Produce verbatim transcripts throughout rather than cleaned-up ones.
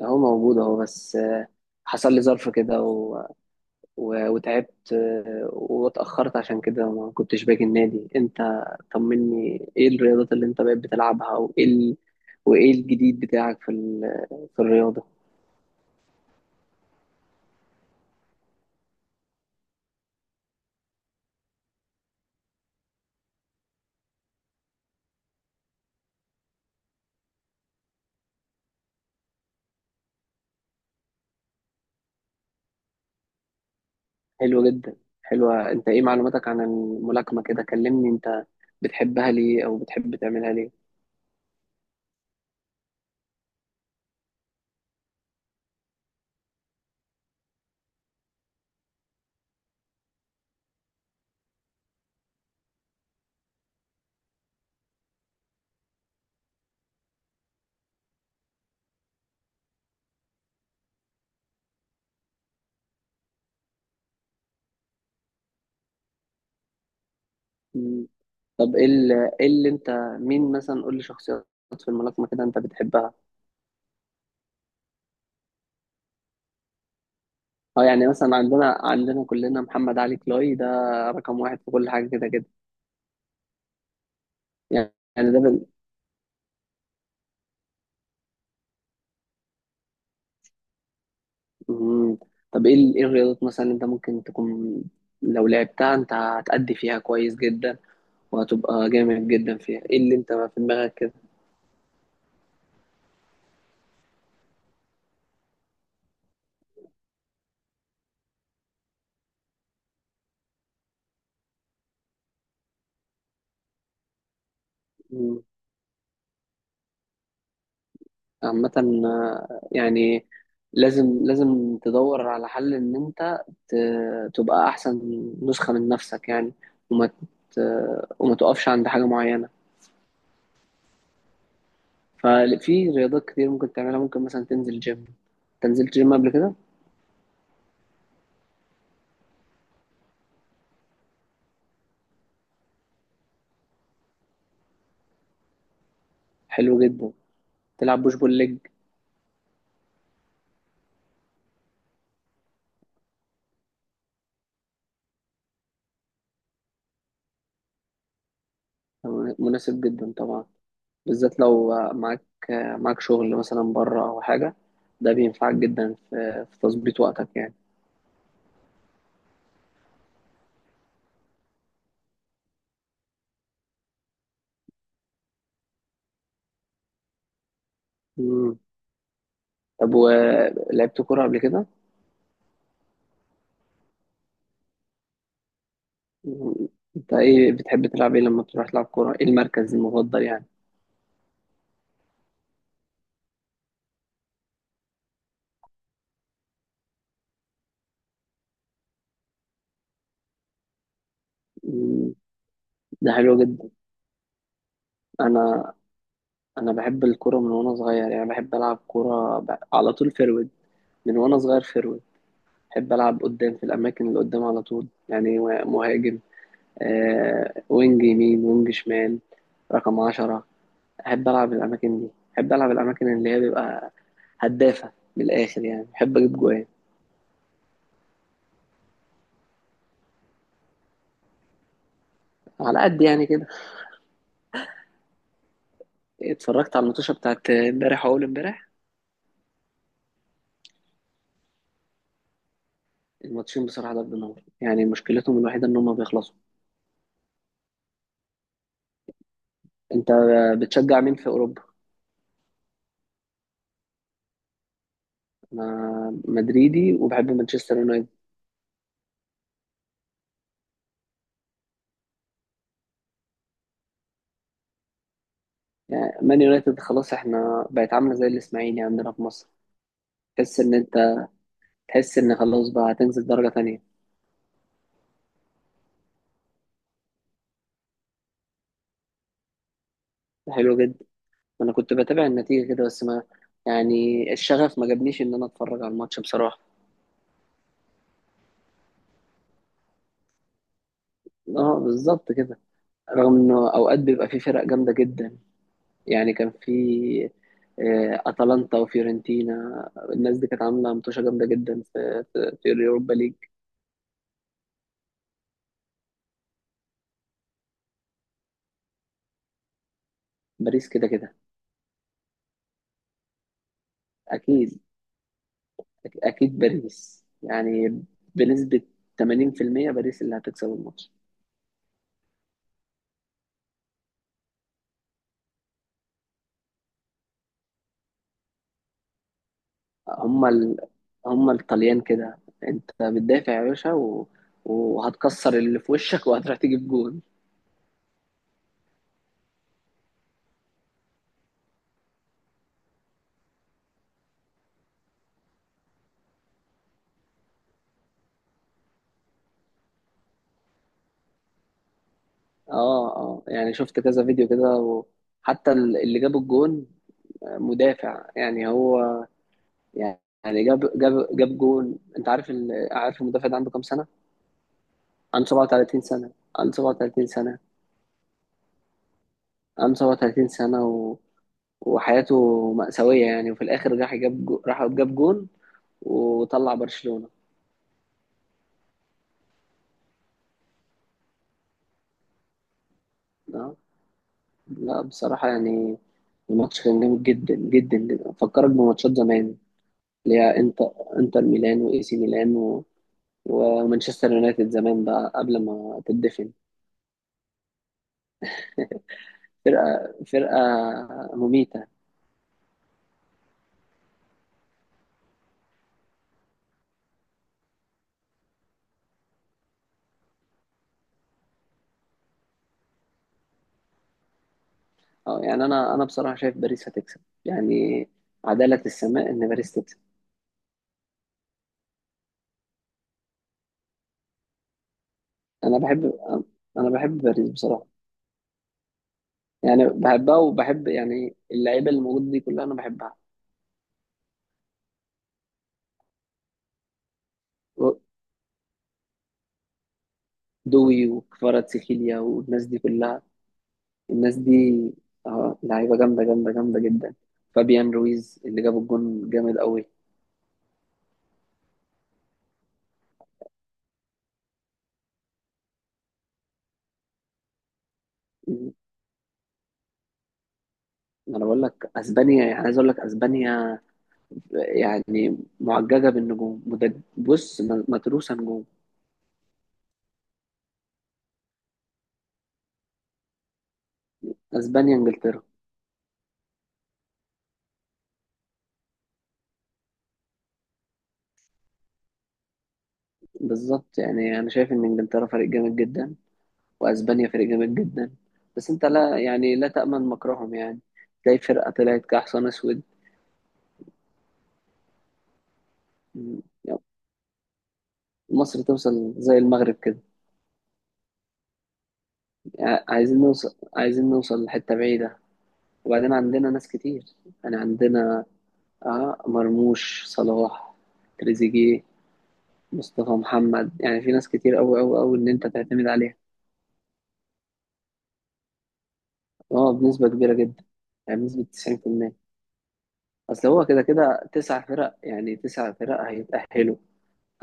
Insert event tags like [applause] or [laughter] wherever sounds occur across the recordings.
اهو موجود اهو بس آه، حصل لي ظرف كده و... و... وتعبت، آه، واتأخرت عشان كده ما كنتش باجي النادي. انت طمني، ايه الرياضات اللي انت بقيت بتلعبها؟ وايه ال... وايه الجديد بتاعك في ال... في الرياضة؟ حلو جدا. حلوة. انت ايه معلوماتك عن الملاكمة كده؟ كلمني انت، بتحبها ليه او بتحب تعملها ليه؟ مم. طب ايه ال- إيه اللي انت... مين مثلا؟ قول لي شخصيات في الملاكمة كده انت بتحبها. اه، يعني مثلا عندنا عندنا كلنا محمد علي كلاي ده، رقم واحد في كل حاجة كده كده. يعني يعني ده بال... مم. طب ايه ال- ايه الرياضات مثلا اللي انت ممكن تكون، لو لعبتها انت هتأدي فيها كويس جدا وهتبقى جامد جدا فيها؟ ايه اللي انت في دماغك كده؟ مم. عامة آه، يعني لازم لازم تدور على حل ان انت ت- تبقى احسن نسخة من نفسك يعني. وما ت... وما تقفش عند حاجة معينة. ففي رياضات كتير ممكن تعملها. ممكن مثلا تنزل جيم. انت نزلت جيم قبل كده؟ حلو جدا. تلعب بوش بول ليج؟ مناسب جدا طبعا، بالذات لو معاك معاك شغل مثلا بره او حاجه. ده بينفعك جدا في, في تظبيط وقتك يعني. مم. طب ولعبت كوره قبل كده؟ مم. انت ايه بتحب تلعب؟ ايه لما تروح تلعب كوره، ايه المركز المفضل يعني؟ مم. ده حلو جدا. انا انا بحب الكوره من وانا صغير يعني. بحب العب كوره ب- على طول فيرويد، من وانا صغير فيرويد. بحب ألعب قدام، في الأماكن اللي قدام على طول يعني، مهاجم، آه وينج يمين، وينج شمال، رقم عشرة. أحب ألعب الأماكن دي. أحب ألعب الأماكن اللي هي بيبقى هدافة من الآخر يعني. بحب أجيب جوان. على قد يعني كده. اتفرجت على الماتشة بتاعت امبارح وأول امبارح. الماتشين بصراحة ضرب نار يعني، مشكلتهم الوحيدة إن هما بيخلصوا. أنت بتشجع مين في أوروبا؟ أنا مدريدي وبحب مانشستر يونايتد. يعني مان يونايتد خلاص، احنا بقت عاملة زي الإسماعيلي عندنا في مصر. تحس ان انت تحس ان خلاص، بقى هتنزل درجة تانية. ده حلو جدا. انا كنت بتابع النتيجة كده بس ما يعني الشغف ما جابنيش ان انا اتفرج على الماتش بصراحة. اه بالظبط كده. رغم انه اوقات بيبقى في فرق جامدة جدا، يعني كان في آه، اتلانتا وفيورنتينا، الناس دي كانت عاملة متوشة جامدة جدا في في في اليوروبا ليج. باريس كده كده. اكيد اكيد باريس يعني، بنسبة ثمانين في المية باريس اللي هتكسب الماتش. هم ال... هم الطليان كده. انت بتدافع يا باشا و... وهتكسر اللي في وشك [laughs] وهتروح تجيب جون. اه اه، يعني شفت كذا فيديو كده، وحتى ال- اللي جاب الجون مدافع يعني هو. يعني جاب جاب جاب جون. انت عارف ال... عارف المدافع ده عنده كام سنة؟ عنده سبعة وثلاثين سنة. عنده سبعة وثلاثين سنة. عنده سبعة وثلاثين سنة و... وحياته مأساوية يعني، وفي الآخر راح جاب جو... راح جاب جون وطلع برشلونة. اه، لا بصراحة يعني، الماتش كان جامد جدا جدا جدا. فكرك بماتشات زمان، اللي هي انتر انتر ميلان واي سي ميلان و... ومانشستر يونايتد زمان، بقى قبل ما تدفن. فرقة فرقة مميتة. اه، يعني انا انا بصراحة شايف باريس هتكسب يعني. عدالة السماء ان باريس تكسب. انا بحب انا بحب باريس بصراحة. يعني بحبها، وبحب يعني اللعيبة اللي موجودة دي كلها، انا بحبها. دوي وكفاراتسخيليا والناس دي كلها. الناس دي اه لعيبه جامده جامده جامده جدا. فابيان رويز اللي جاب الجون جامد قوي. انا بقول لك اسبانيا يعني، عايز اقول لك اسبانيا، يعني معججه بالنجوم. مد- بص م- متروسه نجوم. اسبانيا، انجلترا. بالظبط يعني. انا شايف ان انجلترا فريق جامد جدا، واسبانيا فريق جامد جدا. بس انت لا يعني لا تامن مكرهم يعني، تلاقي فرقه طلعت كحصان اسود. م- يعني مصر توصل زي المغرب كده. يعني عايزين نوصل، عايزين نوصل لحته بعيده. وبعدين عندنا ناس كتير يعني. عندنا آه مرموش، صلاح، تريزيجيه، مصطفى محمد. يعني في ناس كتير أوي أوي أوي إن أنت تعتمد عليها. اه، بنسبة كبيرة جدا يعني، بنسبة تسعين بالمية. أصل هو كده كده تسع فرق، يعني تسع فرق هيتأهلوا.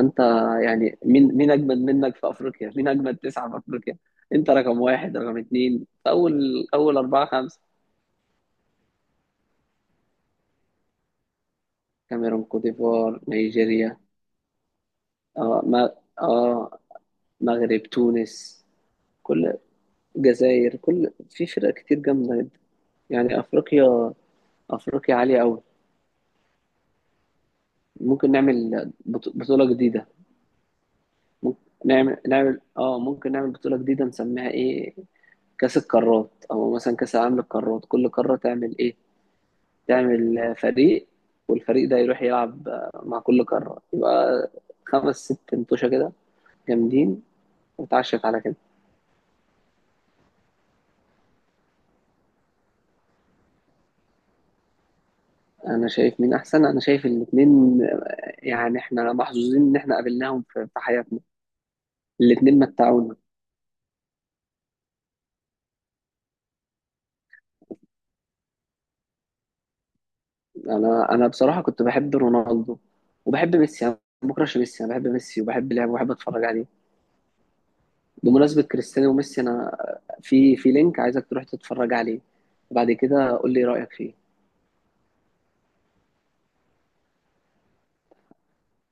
أنت يعني، مين مين أجمد منك في أفريقيا؟ مين أجمد تسعة في أفريقيا؟ أنت رقم واحد، رقم اتنين، أول أول، أربعة، خمسة. كاميرون، كوت ديفوار، نيجيريا اه ما اه مغرب، تونس، كل جزائر. كل، في فرق كتير جامدة جدا يعني. أفريقيا أفريقيا عالية أوي. ممكن نعمل بط- بطولة جديدة. ممكن نعمل نعمل اه ممكن نعمل بطولة جديدة نسميها ايه؟ كأس القارات، أو مثلا كأس العالم للقارات. كل قارة تعمل ايه؟ تعمل آه، فريق. والفريق ده يروح يلعب آه، مع كل قارة. يبقى خمس ست انتوشة كده جامدين، وتعشت على كده. انا شايف مين احسن؟ انا شايف الاتنين، يعني احنا محظوظين ان احنا قابلناهم في في حياتنا. الاتنين متعونا. انا انا بصراحة كنت بحب رونالدو وبحب ميسي. انا ما بكرهش ميسي، انا بحب ميسي وبحب لعبه وبحب اتفرج عليه. بمناسبة كريستيانو وميسي، انا في في لينك عايزك تروح تتفرج عليه، وبعد كده قول لي رأيك فيه.